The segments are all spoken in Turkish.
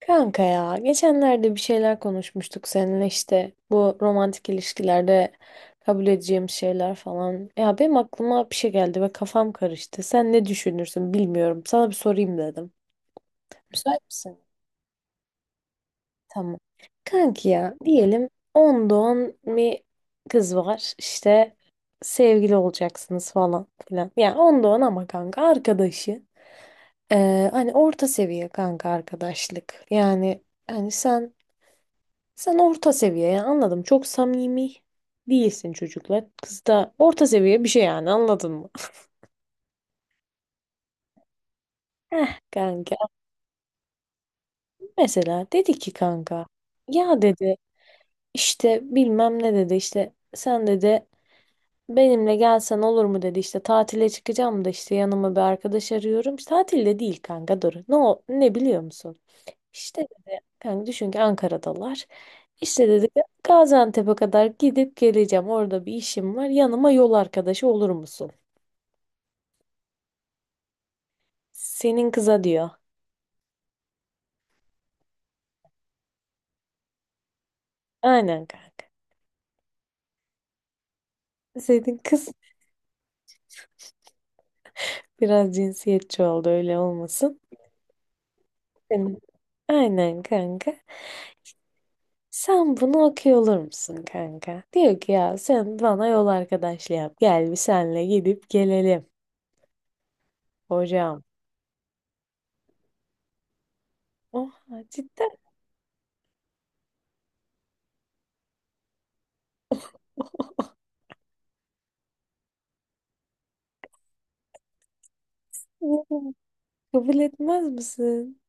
Kanka ya geçenlerde bir şeyler konuşmuştuk seninle işte bu romantik ilişkilerde kabul edeceğim şeyler falan. Ya benim aklıma bir şey geldi ve kafam karıştı. Sen ne düşünürsün bilmiyorum. Sana bir sorayım dedim. Müsait misin? Tamam. Kanki ya diyelim 10 doğan bir kız var işte sevgili olacaksınız falan filan. Yani 10 doğan ama kanka arkadaşı. Hani orta seviye kanka arkadaşlık. Yani hani sen orta seviye yani anladım. Çok samimi değilsin çocuklar. Kız da orta seviye bir şey yani anladın mı? Heh kanka. Mesela dedi ki kanka ya dedi işte bilmem ne dedi işte sen dedi benimle gelsen olur mu dedi işte tatile çıkacağım da işte yanıma bir arkadaş arıyorum. İşte tatilde değil kanka dur. Ne, ne biliyor musun? İşte dedi kanka düşün ki Ankara'dalar. İşte dedi Gaziantep'e kadar gidip geleceğim. Orada bir işim var. Yanıma yol arkadaşı olur musun? Senin kıza diyor. Aynen kanka. Senin kız biraz cinsiyetçi oldu, öyle olmasın. Senin. Aynen kanka. Sen bunu okuyor olur musun kanka? Diyor ki ya sen bana yol arkadaşlığı yap. Gel bir senle gidip gelelim hocam. Oha, cidden mi? Kabul etmez misin?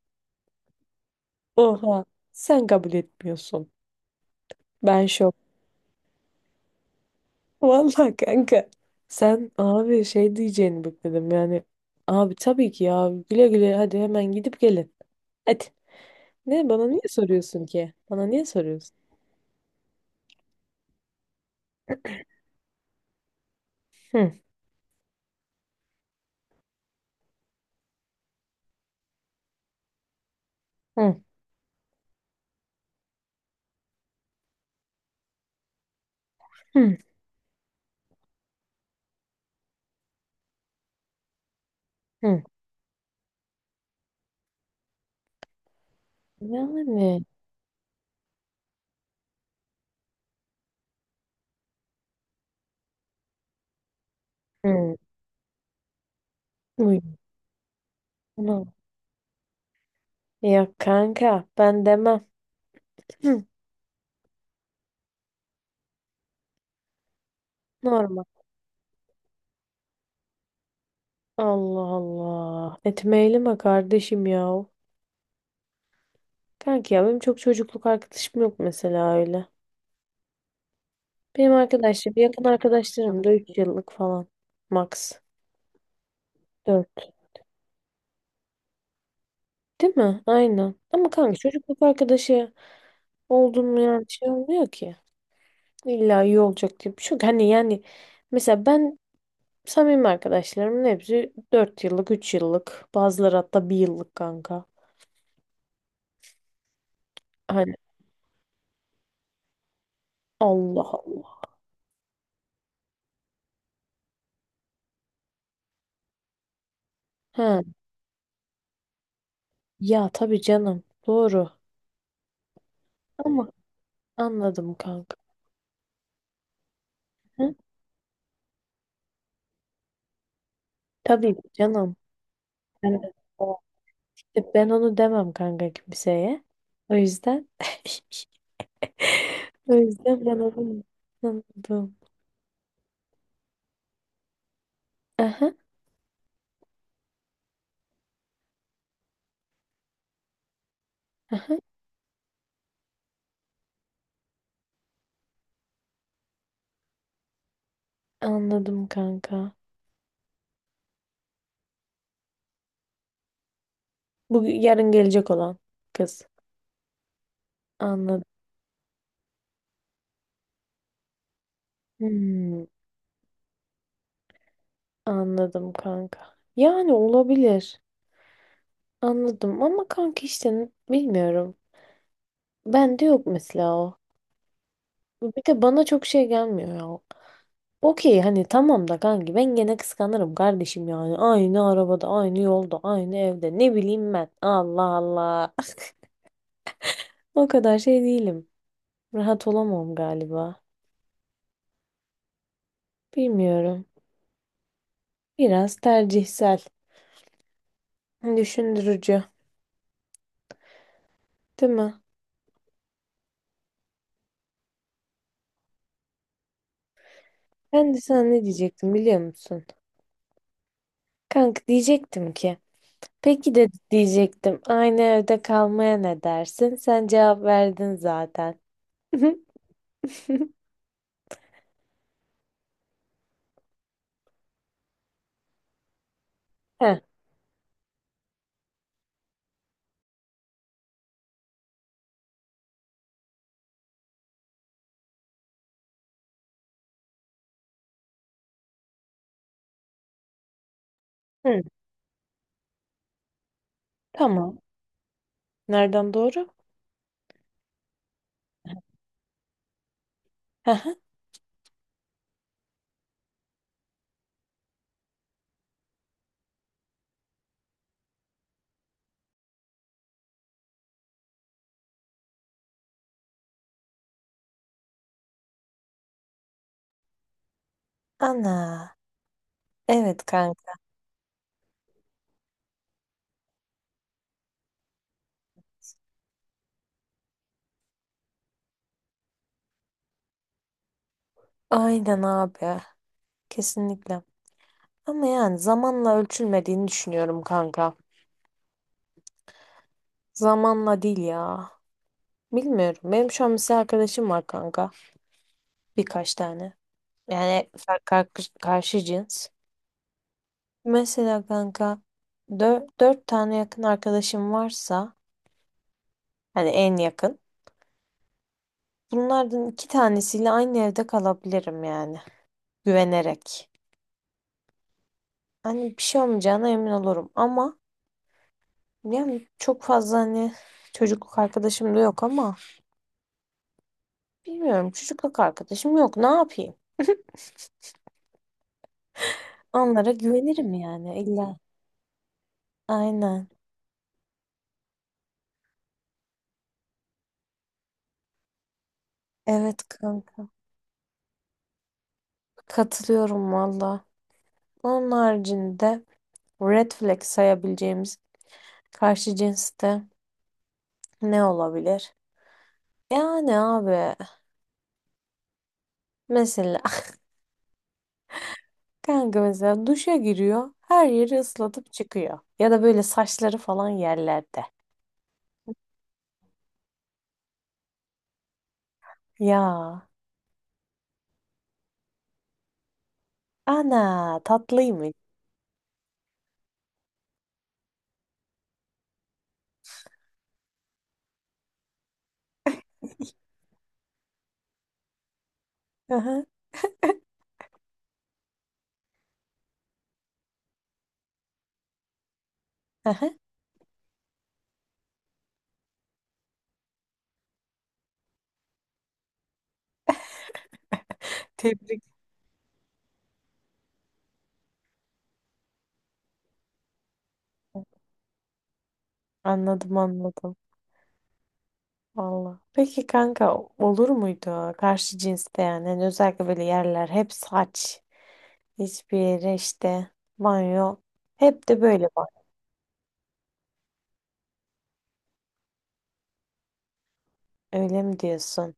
Oha, sen kabul etmiyorsun. Ben şok. Vallahi kanka, sen abi şey diyeceğini bekledim yani, abi tabii ki ya güle güle hadi hemen gidip gelin. Hadi ne bana niye soruyorsun ki? Bana niye soruyorsun? Hı hı, hı hı. Yani hı. Uy, no. Ya kanka, ben demem. Hı, normal. Allah Allah. Etmeyelim mi kardeşim ya? Kanka ya benim çok çocukluk arkadaşım yok mesela öyle. Benim arkadaşlarım, yakın arkadaşlarım da 3 yıllık falan. Max. 4. Değil mi? Aynen. Ama kanka çocukluk arkadaşı oldum yani şey olmuyor ki. İlla iyi olacak diye bir şey yok. Hani yani mesela ben, samimi arkadaşlarımın hepsi 4 yıllık, 3 yıllık. Bazıları hatta 1 yıllık kanka. Hani Allah Allah. Ha, ya tabii canım. Doğru. Ama anladım kanka. Hı? Tabii canım. Ben, ben onu demem kanka kimseye. O yüzden o yüzden ben onu anladım. Aha. Aha, anladım kanka. Bu yarın gelecek olan kız. Anladım. Hmm, anladım kanka. Yani olabilir. Anladım ama kanka işte bilmiyorum. Bende yok mesela o. Bir de bana çok şey gelmiyor ya. Okey hani tamam da kanki ben gene kıskanırım kardeşim yani. Aynı arabada, aynı yolda, aynı evde. Ne bileyim ben. Allah Allah. O kadar şey değilim. Rahat olamam galiba. Bilmiyorum. Biraz tercihsel. Düşündürücü, değil mi? Ben de sana ne diyecektim biliyor musun? Kanka diyecektim ki, peki de diyecektim, aynı evde kalmaya ne dersin? Sen cevap verdin zaten. Heh, hı, tamam. Nereden doğru? Aha. Ana, evet kanka. Aynen abi, kesinlikle. Ama yani zamanla ölçülmediğini düşünüyorum kanka. Zamanla değil ya. Bilmiyorum. Benim şu an mesela arkadaşım var kanka. Birkaç tane. Yani karşı cins. Mesela kanka dört tane yakın arkadaşım varsa hani en yakın. Bunlardan iki tanesiyle aynı evde kalabilirim yani, güvenerek. Hani bir şey olmayacağına emin olurum ama yani çok fazla hani çocukluk arkadaşım da yok ama bilmiyorum, çocukluk arkadaşım yok ne yapayım? Onlara güvenirim yani illa. Aynen. Evet kanka. Katılıyorum valla. Onun haricinde red flag sayabileceğimiz karşı cinste ne olabilir? Yani abi mesela kanka mesela duşa giriyor, her yeri ıslatıp çıkıyor. Ya da böyle saçları falan yerlerde. Ya ana tatlıymış. Aha, aha. Tebrik. Anladım anladım. Valla. Peki kanka olur muydu karşı cinste yani? Hani özellikle böyle yerler, hep saç. Hiçbir yere işte, banyo. Hep de böyle banyo. Öyle mi diyorsun?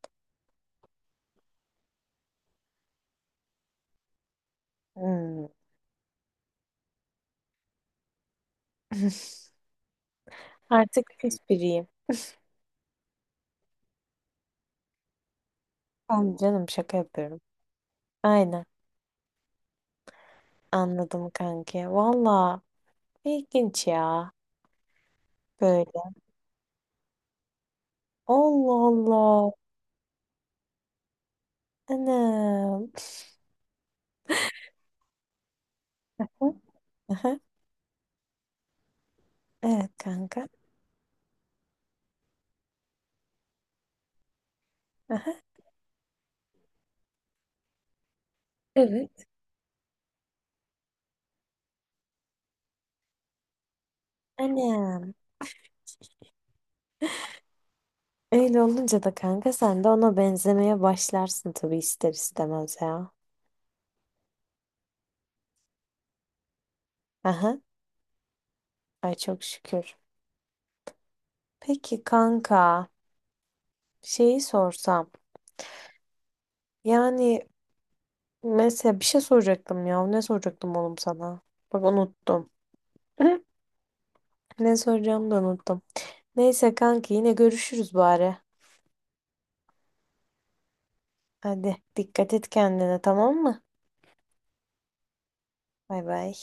Hmm. Artık pis biriyim. Anladım. Canım şaka yapıyorum. Aynen. Anladım kanki. Valla ilginç ya. Böyle. Allah Allah. Anam. Aha, aha. Evet kanka. Aha. Evet. Anam. Öyle olunca da kanka sen de ona benzemeye başlarsın tabii, ister istemez ya. Aha. Ay çok şükür. Peki kanka şeyi sorsam. Yani mesela bir şey soracaktım ya. Ne soracaktım oğlum sana? Bak unuttum. Ne soracağımı da unuttum. Neyse kanki yine görüşürüz bari. Hadi dikkat et kendine, tamam mı? Bay bay.